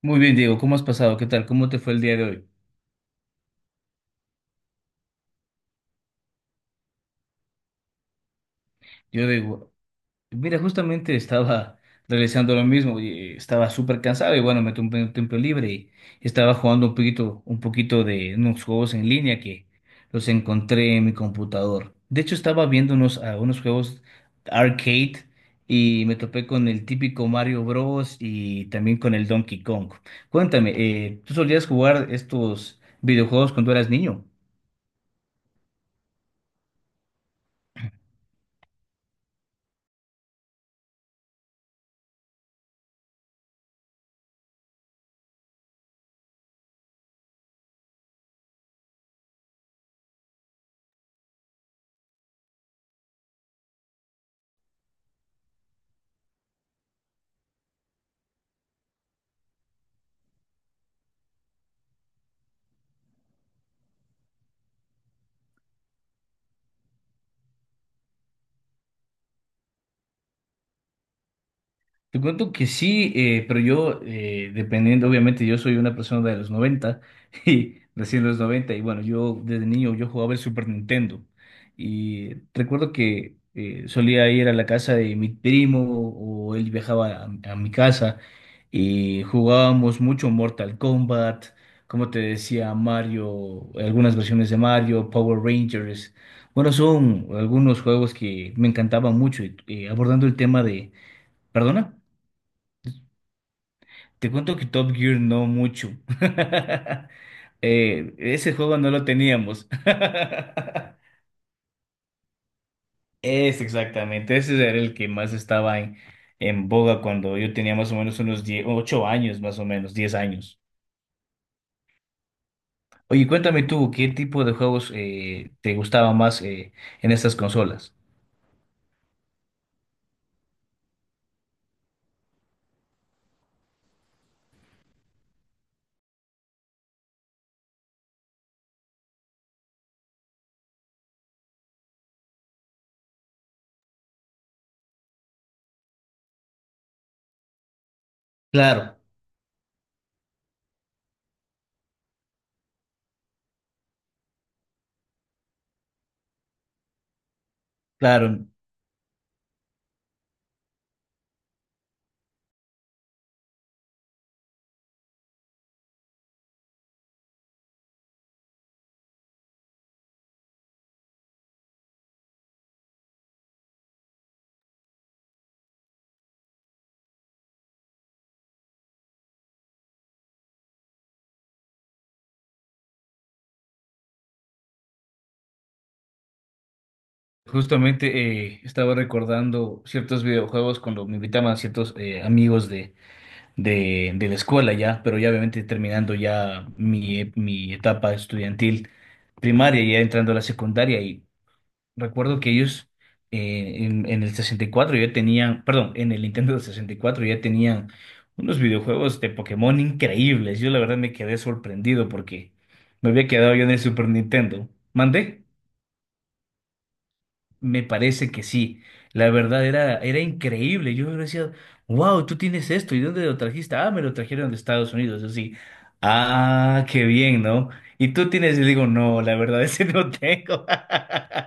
Muy bien, Diego, ¿cómo has pasado? ¿Qué tal? ¿Cómo te fue el día de hoy? Yo digo, mira, justamente estaba realizando lo mismo y estaba súper cansado y bueno, me tomé un tiempo libre y estaba jugando un poquito de unos juegos en línea que los encontré en mi computador. De hecho, estaba viendo unos, unos juegos arcade y me topé con el típico Mario Bros. Y también con el Donkey Kong. Cuéntame, ¿tú solías jugar estos videojuegos cuando eras niño? Te cuento que sí, pero yo, dependiendo, obviamente, yo soy una persona de los 90 y nací los 90 y bueno, yo desde niño yo jugaba el Super Nintendo y recuerdo que solía ir a la casa de mi primo o él viajaba a mi casa y jugábamos mucho Mortal Kombat, como te decía, Mario, algunas versiones de Mario, Power Rangers. Bueno, son algunos juegos que me encantaban mucho y abordando el tema de... ¿Perdona? Te cuento que Top Gear no mucho. Ese juego no lo teníamos. Es exactamente, ese era el que más estaba en boga cuando yo tenía más o menos unos 10, 8 años, más o menos, 10 años. Oye, cuéntame tú, ¿qué tipo de juegos te gustaba más en estas consolas? Claro, claro. Justamente estaba recordando ciertos videojuegos cuando me invitaban ciertos amigos de de la escuela ya, pero ya obviamente terminando ya mi, mi etapa estudiantil primaria, ya entrando a la secundaria, y recuerdo que ellos en el 64 ya tenían, perdón, en el Nintendo del 64 ya tenían unos videojuegos de Pokémon increíbles. Yo la verdad me quedé sorprendido porque me había quedado yo en el Super Nintendo. ¿Mandé? Me parece que sí. La verdad era, era increíble. Yo decía, wow, tú tienes esto. ¿Y dónde lo trajiste? Ah, me lo trajeron de Estados Unidos. Yo sí. Ah, qué bien, ¿no? Y tú tienes, yo digo, no, la verdad es que no tengo.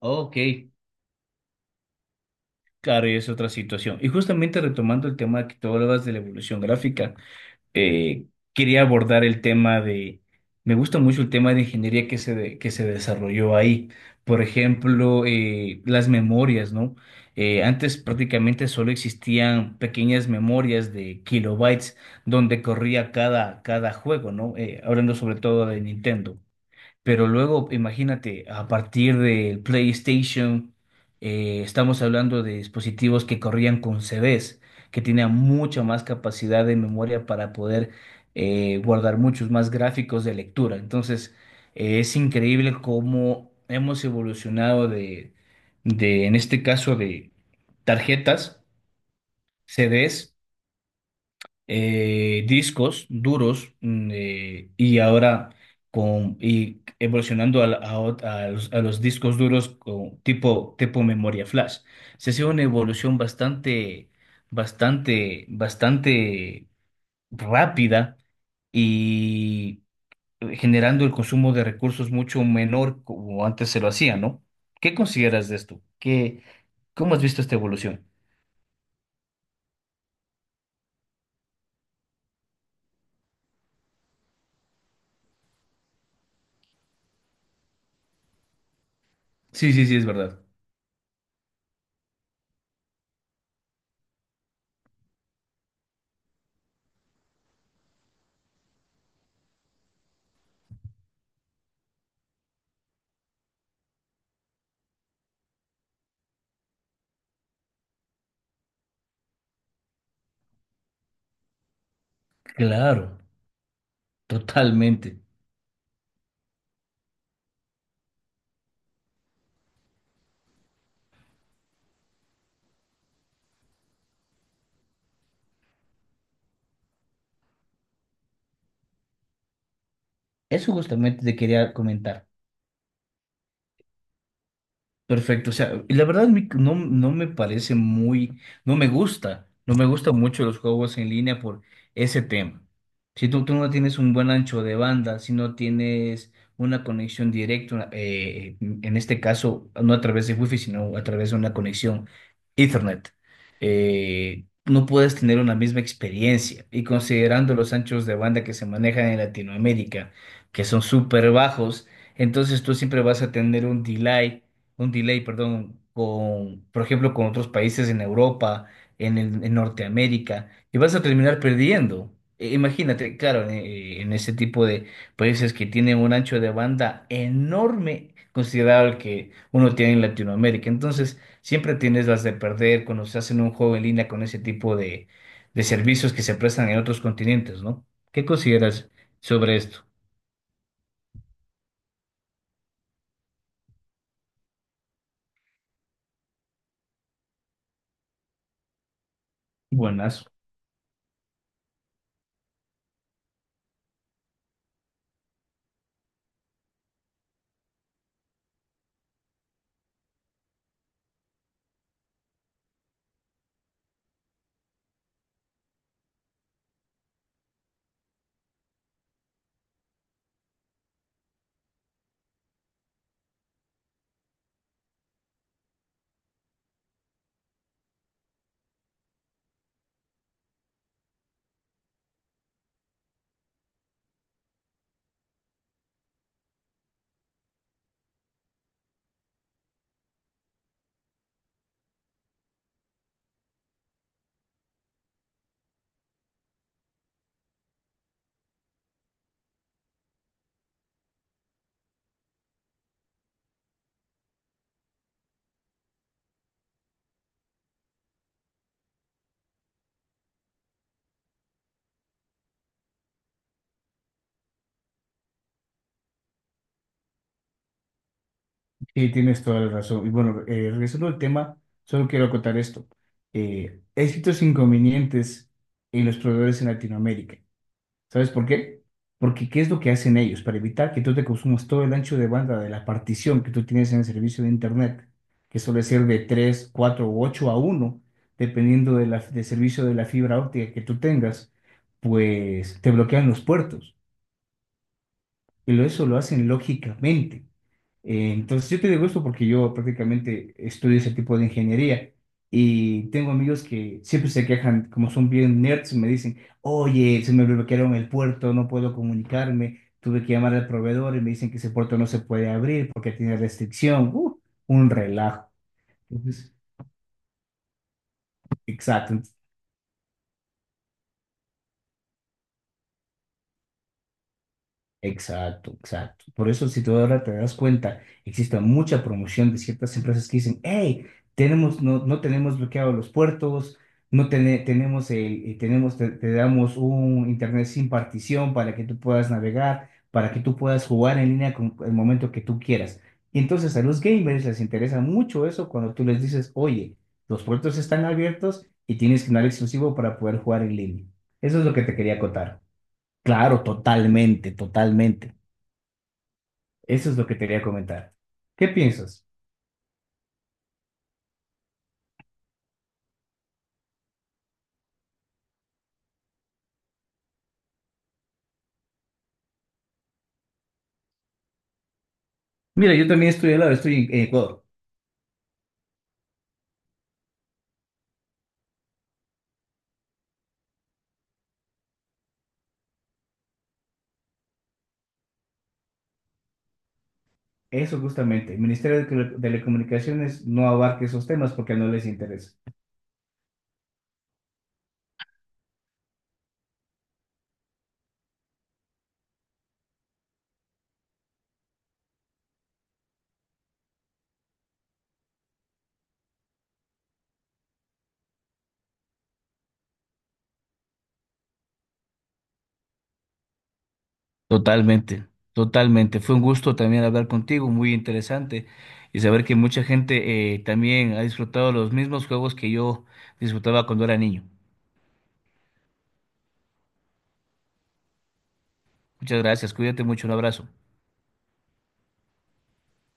Ok, claro, y es otra situación. Y justamente retomando el tema que tú hablabas de la evolución gráfica. eh, Quería abordar el tema de, me gusta mucho el tema de ingeniería que se, que se desarrolló ahí. Por ejemplo, las memorias, ¿no? Antes prácticamente solo existían pequeñas memorias de kilobytes donde corría cada, cada juego, ¿no? Hablando sobre todo de Nintendo. Pero luego, imagínate, a partir del PlayStation, estamos hablando de dispositivos que corrían con CDs, que tenían mucha más capacidad de memoria para poder guardar muchos más gráficos de lectura. Entonces, es increíble cómo hemos evolucionado de, en este caso, de tarjetas, CDs discos duros y ahora con, y evolucionando a, la- a ot- a los discos duros con tipo, tipo memoria flash. Se ha sido una evolución bastante, bastante, bastante rápida y generando el consumo de recursos mucho menor como antes se lo hacía, ¿no? ¿Qué consideras de esto? ¿Qué, cómo has visto esta evolución? Sí, sí, sí, es verdad. Claro, totalmente. Eso justamente te quería comentar. Perfecto, o sea, y la verdad no, no me parece muy, no me gusta, no me gustan mucho los juegos en línea por ese tema. Tú no tienes un buen ancho de banda, si no tienes una conexión directa, en este caso no a través de Wi-Fi, sino a través de una conexión Ethernet, no puedes tener una misma experiencia. Y considerando los anchos de banda que se manejan en Latinoamérica, que son súper bajos, entonces tú siempre vas a tener un delay, perdón, con, por ejemplo, con otros países en Europa, en Norteamérica, y vas a terminar perdiendo. Imagínate, claro, en ese tipo de países que tienen un ancho de banda enorme, considerado el que uno tiene en Latinoamérica. Entonces, siempre tienes las de perder cuando se hacen un juego en línea con ese tipo de servicios que se prestan en otros continentes, ¿no? ¿Qué consideras sobre esto? Buenas. Sí, tienes toda la razón. Y bueno, regresando al tema, solo quiero acotar esto. He escrito inconvenientes en los proveedores en Latinoamérica. ¿Sabes por qué? Porque ¿qué es lo que hacen ellos para evitar que tú te consumas todo el ancho de banda de la partición que tú tienes en el servicio de Internet, que suele ser de 3, 4 u 8 a uno, dependiendo del servicio de la fibra óptica que tú tengas, pues te bloquean los puertos y eso lo hacen lógicamente. Entonces, yo te digo esto porque yo prácticamente estudio ese tipo de ingeniería y tengo amigos que siempre se quejan, como son bien nerds, me dicen, oye, se me bloquearon el puerto, no puedo comunicarme, tuve que llamar al proveedor y me dicen que ese puerto no se puede abrir porque tiene restricción. Un relajo. Entonces, exacto. Exacto, exacto. Por eso, si tú ahora te das cuenta, existe mucha promoción de ciertas empresas que dicen, hey, tenemos, no, no tenemos bloqueados los puertos, no tene- tenemos, tenemos te damos un internet sin partición para que tú puedas navegar, para que tú puedas jugar en línea con el momento que tú quieras. Y entonces a los gamers les interesa mucho eso cuando tú les dices, oye, los puertos están abiertos y tienes canal exclusivo para poder jugar en línea. Eso es lo que te quería contar. Claro, totalmente, totalmente. Eso es lo que te quería comentar. ¿Qué piensas? Mira, yo también estoy al lado, estoy en Ecuador. Eso justamente. El Ministerio de Telecomunicaciones no abarca esos temas porque no les interesa. Totalmente, totalmente. Fue un gusto también hablar contigo, muy interesante, y saber que mucha gente también ha disfrutado los mismos juegos que yo disfrutaba cuando era niño. Muchas gracias, cuídate mucho, un abrazo.